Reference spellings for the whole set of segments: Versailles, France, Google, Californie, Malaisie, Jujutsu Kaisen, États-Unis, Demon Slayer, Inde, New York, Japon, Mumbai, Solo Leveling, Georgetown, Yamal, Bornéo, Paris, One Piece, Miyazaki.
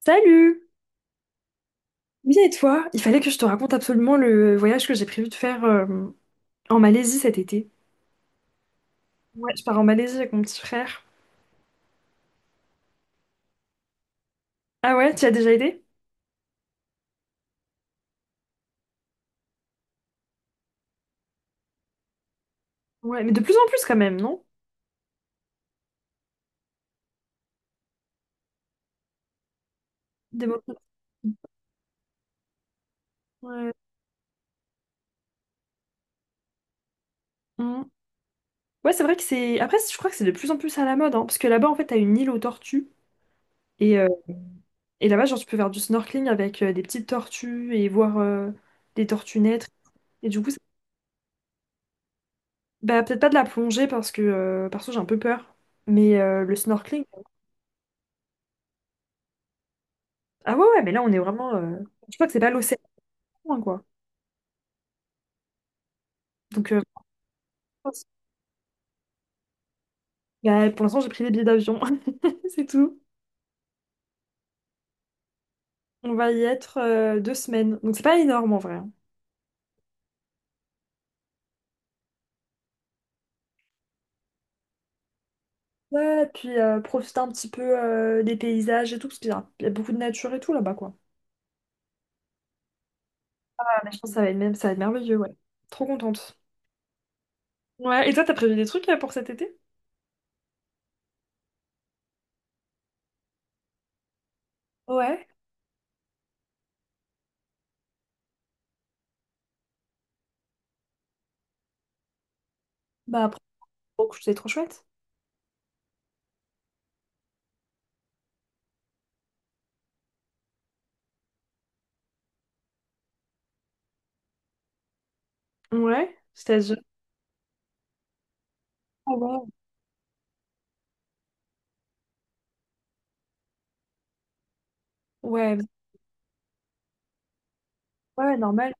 Salut! Bien et toi? Il fallait que je te raconte absolument le voyage que j'ai prévu de faire en Malaisie cet été. Ouais, je pars en Malaisie avec mon petit frère. Ah ouais, tu y as déjà été? Ouais, mais de plus en plus quand même, non? Démocratie. Ouais. Mm. Ouais, c'est vrai que c'est après, je crois que c'est de plus en plus à la mode, hein, parce que là-bas, en fait, t'as une île aux tortues. Et, euh, et là-bas, genre, tu peux faire du snorkeling avec des petites tortues et voir des tortues naître. Et du coup, c'est- Bah, peut-être pas de la plongée, parce que, perso, j'ai un peu peur. Mais le snorkeling... Ah ouais, ouais, mais là, on est vraiment. Je crois que c'est pas l'océan, loin, quoi. Donc, euh, bah, pour l'instant, j'ai pris des billets d'avion. C'est tout. On va y être deux semaines. Donc, c'est pas énorme en vrai, hein. Ouais, puis profiter un petit peu des paysages et tout, parce qu'il y a beaucoup de nature et tout là-bas, quoi. Ah, mais je pense que ça va être merveilleux, ouais. Trop contente. Ouais, et toi, t'as prévu des trucs pour cet été? Ouais, bah après, oh, c'est trop chouette. Ouais, c'est-à-dire. Ah ouais, ouais, ouais, normal.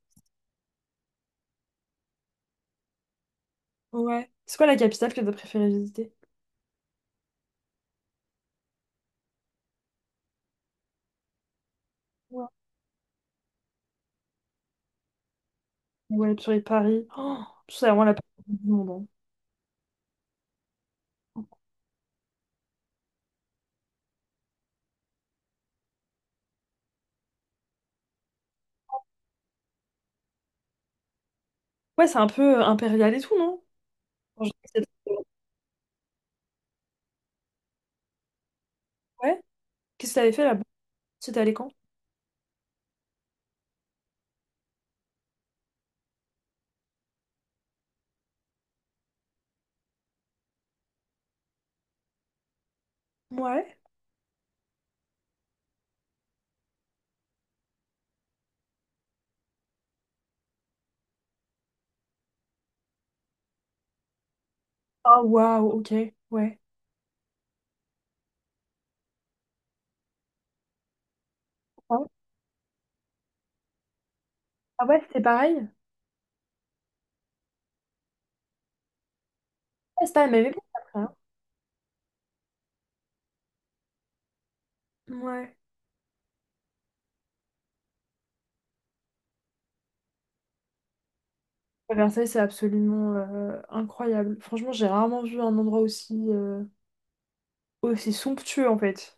Ouais. C'est quoi la capitale que t'as préféré visiter? Ouais, purée, de Paris. Oh, c'est vraiment la pire ville du monde, hein. Ouais, c'est un peu impérial et tout, non? En général, c'est- Ouais. Qu'est-ce que t'avais fait là-bas? C'était allé quand? Ouais. Ah, waouh, ok. Ouais. Ah ouais, ah ouais, c'est pareil? Ouais, c'est pas la même époque après, hein. Ouais. Versailles, c'est absolument incroyable. Franchement, j'ai rarement vu un endroit aussi, aussi somptueux en fait.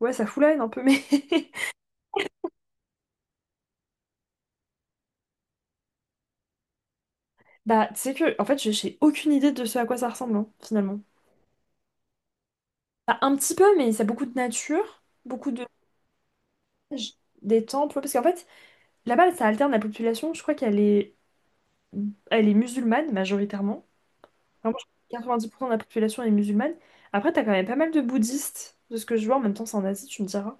Ouais, ça fout la haine un peu, mais. Bah, tu sais que, en fait, j'ai aucune idée de ce à quoi ça ressemble, hein, finalement. Bah, un petit peu, mais ça a beaucoup de nature, beaucoup de. J- des temples, ouais, parce qu'en fait, là-bas, ça alterne la population. Je crois qu'elle est, elle est musulmane majoritairement. Vraiment, je crois que 90% de la population est musulmane. Après, t'as quand même pas mal de bouddhistes, de ce que je vois. En même temps, c'est en Asie, tu me diras.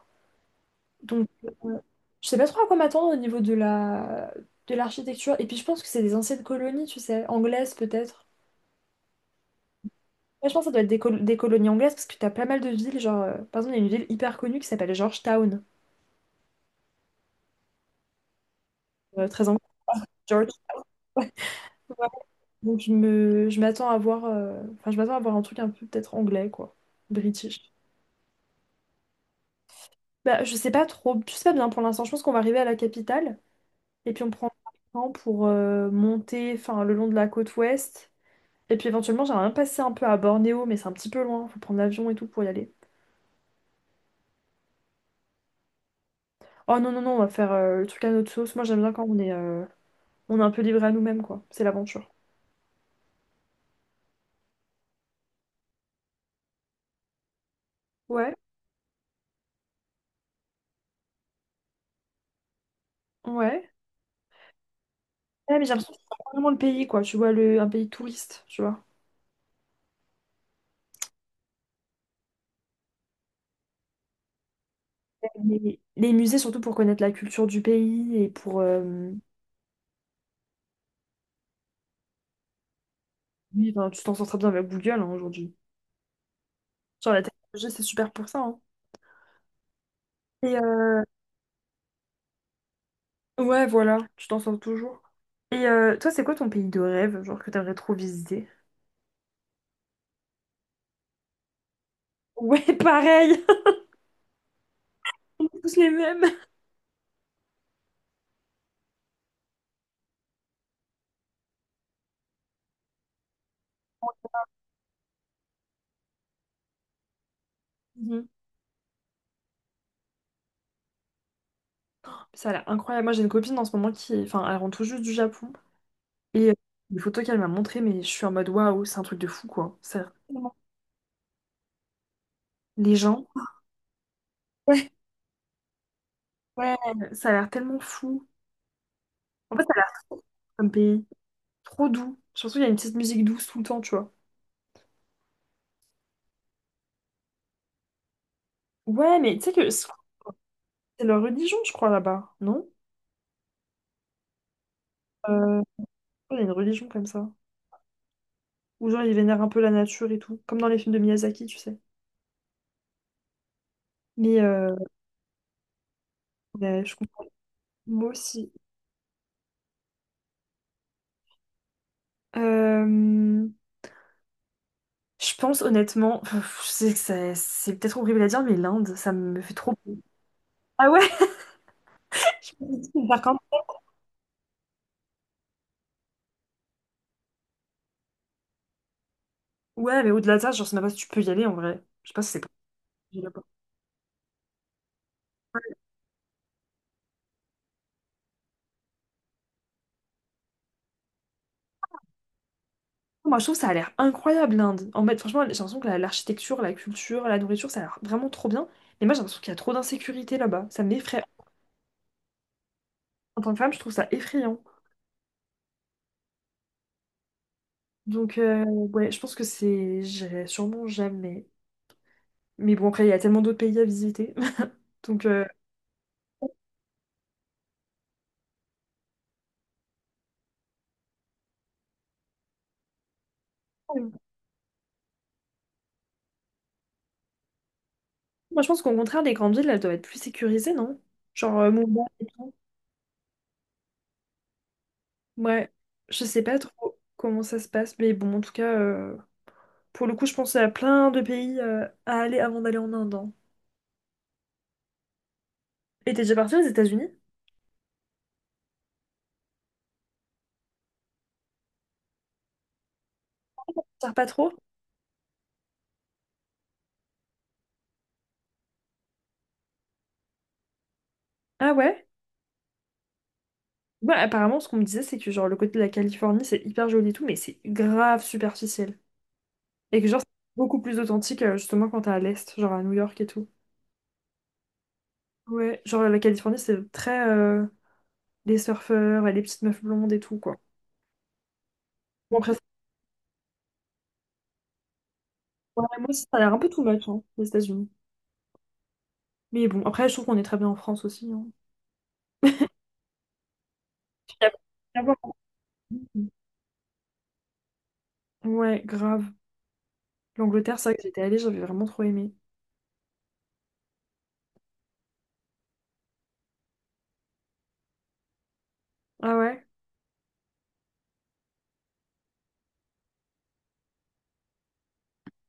Donc, euh, je sais pas trop à quoi m'attendre au niveau de l'architecture. Et puis, je pense que c'est des anciennes colonies, tu sais, anglaises peut-être. Ouais, je pense que ça doit être des colonies anglaises parce que t'as pas mal de villes. Genre, par exemple, il y a une ville hyper connue qui s'appelle Georgetown, très anglais, George. Donc je m'attends à voir, enfin je m'attends à voir un truc un peu peut-être anglais quoi, british. Bah je sais pas trop, je sais pas bien pour l'instant. Je pense qu'on va arriver à la capitale et puis on prend le temps pour monter, enfin le long de la côte ouest. Et puis éventuellement j'aimerais bien passer un peu à Bornéo, mais c'est un petit peu loin, faut prendre l'avion et tout pour y aller. Oh non non non, on va faire le truc à notre sauce. Moi j'aime bien quand on est un peu livré à nous-mêmes quoi, c'est l'aventure. Ouais, ouais. Ouais, mais j'ai l'impression que c'est pas vraiment le pays quoi, tu vois un pays touriste, tu vois. Les musées, surtout pour connaître la culture du pays et oui, ben, tu t'en sors très bien avec Google hein, aujourd'hui. Sur la technologie, c'est super pour ça, hein. Et ouais, voilà, tu t'en sors toujours. Et toi, c'est quoi ton pays de rêve, genre que t'aimerais trop visiter? Ouais, pareil! On est tous les mêmes! Mhm. Ça a l'air incroyable. Moi, j'ai une copine en ce moment qui est... Enfin, elle rentre tout juste du Japon. Et les photos qu'elle m'a montrées, mais je suis en mode waouh, c'est un truc de fou, quoi. Ça a l'air tellement... Les gens. Ouais, ouais, ça a l'air tellement fou. En fait, ça a l'air trop comme pays. Trop doux. Surtout, il y a une petite musique douce tout le temps, tu vois. Ouais, mais tu sais que c'est leur religion, je crois, là-bas, non? Euh, il y a une religion comme ça. Où genre, ils vénèrent un peu la nature et tout. Comme dans les films de Miyazaki, tu sais. Mais ouais, je comprends. Moi aussi. Euh, je pense honnêtement, pff, je sais que ça- c'est peut-être horrible à dire, mais l'Inde, ça me fait trop peur. Ah ouais? Je me dis, par contre, ouais, mais au-delà de ça, genre, c'est même pas si tu peux y aller en vrai. Je sais pas si c'est possible là-bas. Moi, je trouve que ça a l'air incroyable, l'Inde. En fait, franchement, j'ai l'impression que l'architecture, la culture, la nourriture, ça a l'air vraiment trop bien. Mais moi, j'ai l'impression qu'il y a trop d'insécurité là-bas. Ça m'effraie. En tant que femme, je trouve ça effrayant. Ouais, je pense que c'est. J'irai sûrement jamais. Mais bon, après, il y a tellement d'autres pays à visiter. Donc, euh, moi, je pense qu'au contraire, les grandes villes, elles doivent être plus sécurisées, non? Genre, Mumbai et tout. Ouais, je sais pas trop comment ça se passe. Mais bon, en tout cas, pour le coup, je pense à plein de pays à aller avant d'aller en Inde, hein. Et t'es déjà parti aux États-Unis? Ça sert pas trop? Ah ouais? Bah, apparemment, ce qu'on me disait, c'est que genre le côté de la Californie, c'est hyper joli et tout, mais c'est grave superficiel. Et que genre, c'est beaucoup plus authentique, justement, quand t'es à l'Est, genre à New York et tout. Ouais, genre la Californie, c'est très les surfeurs et les petites meufs blondes et tout, quoi. Bon, après, ça- ouais, moi aussi, ça a l'air un peu too much, hein, les États-Unis. Mais bon, après, je trouve qu'on est très bien en France aussi, hein. Puis, y a rien à voir. Ouais, grave. L'Angleterre, c'est vrai que j'étais allée, j'avais vraiment trop aimé. Ah ouais?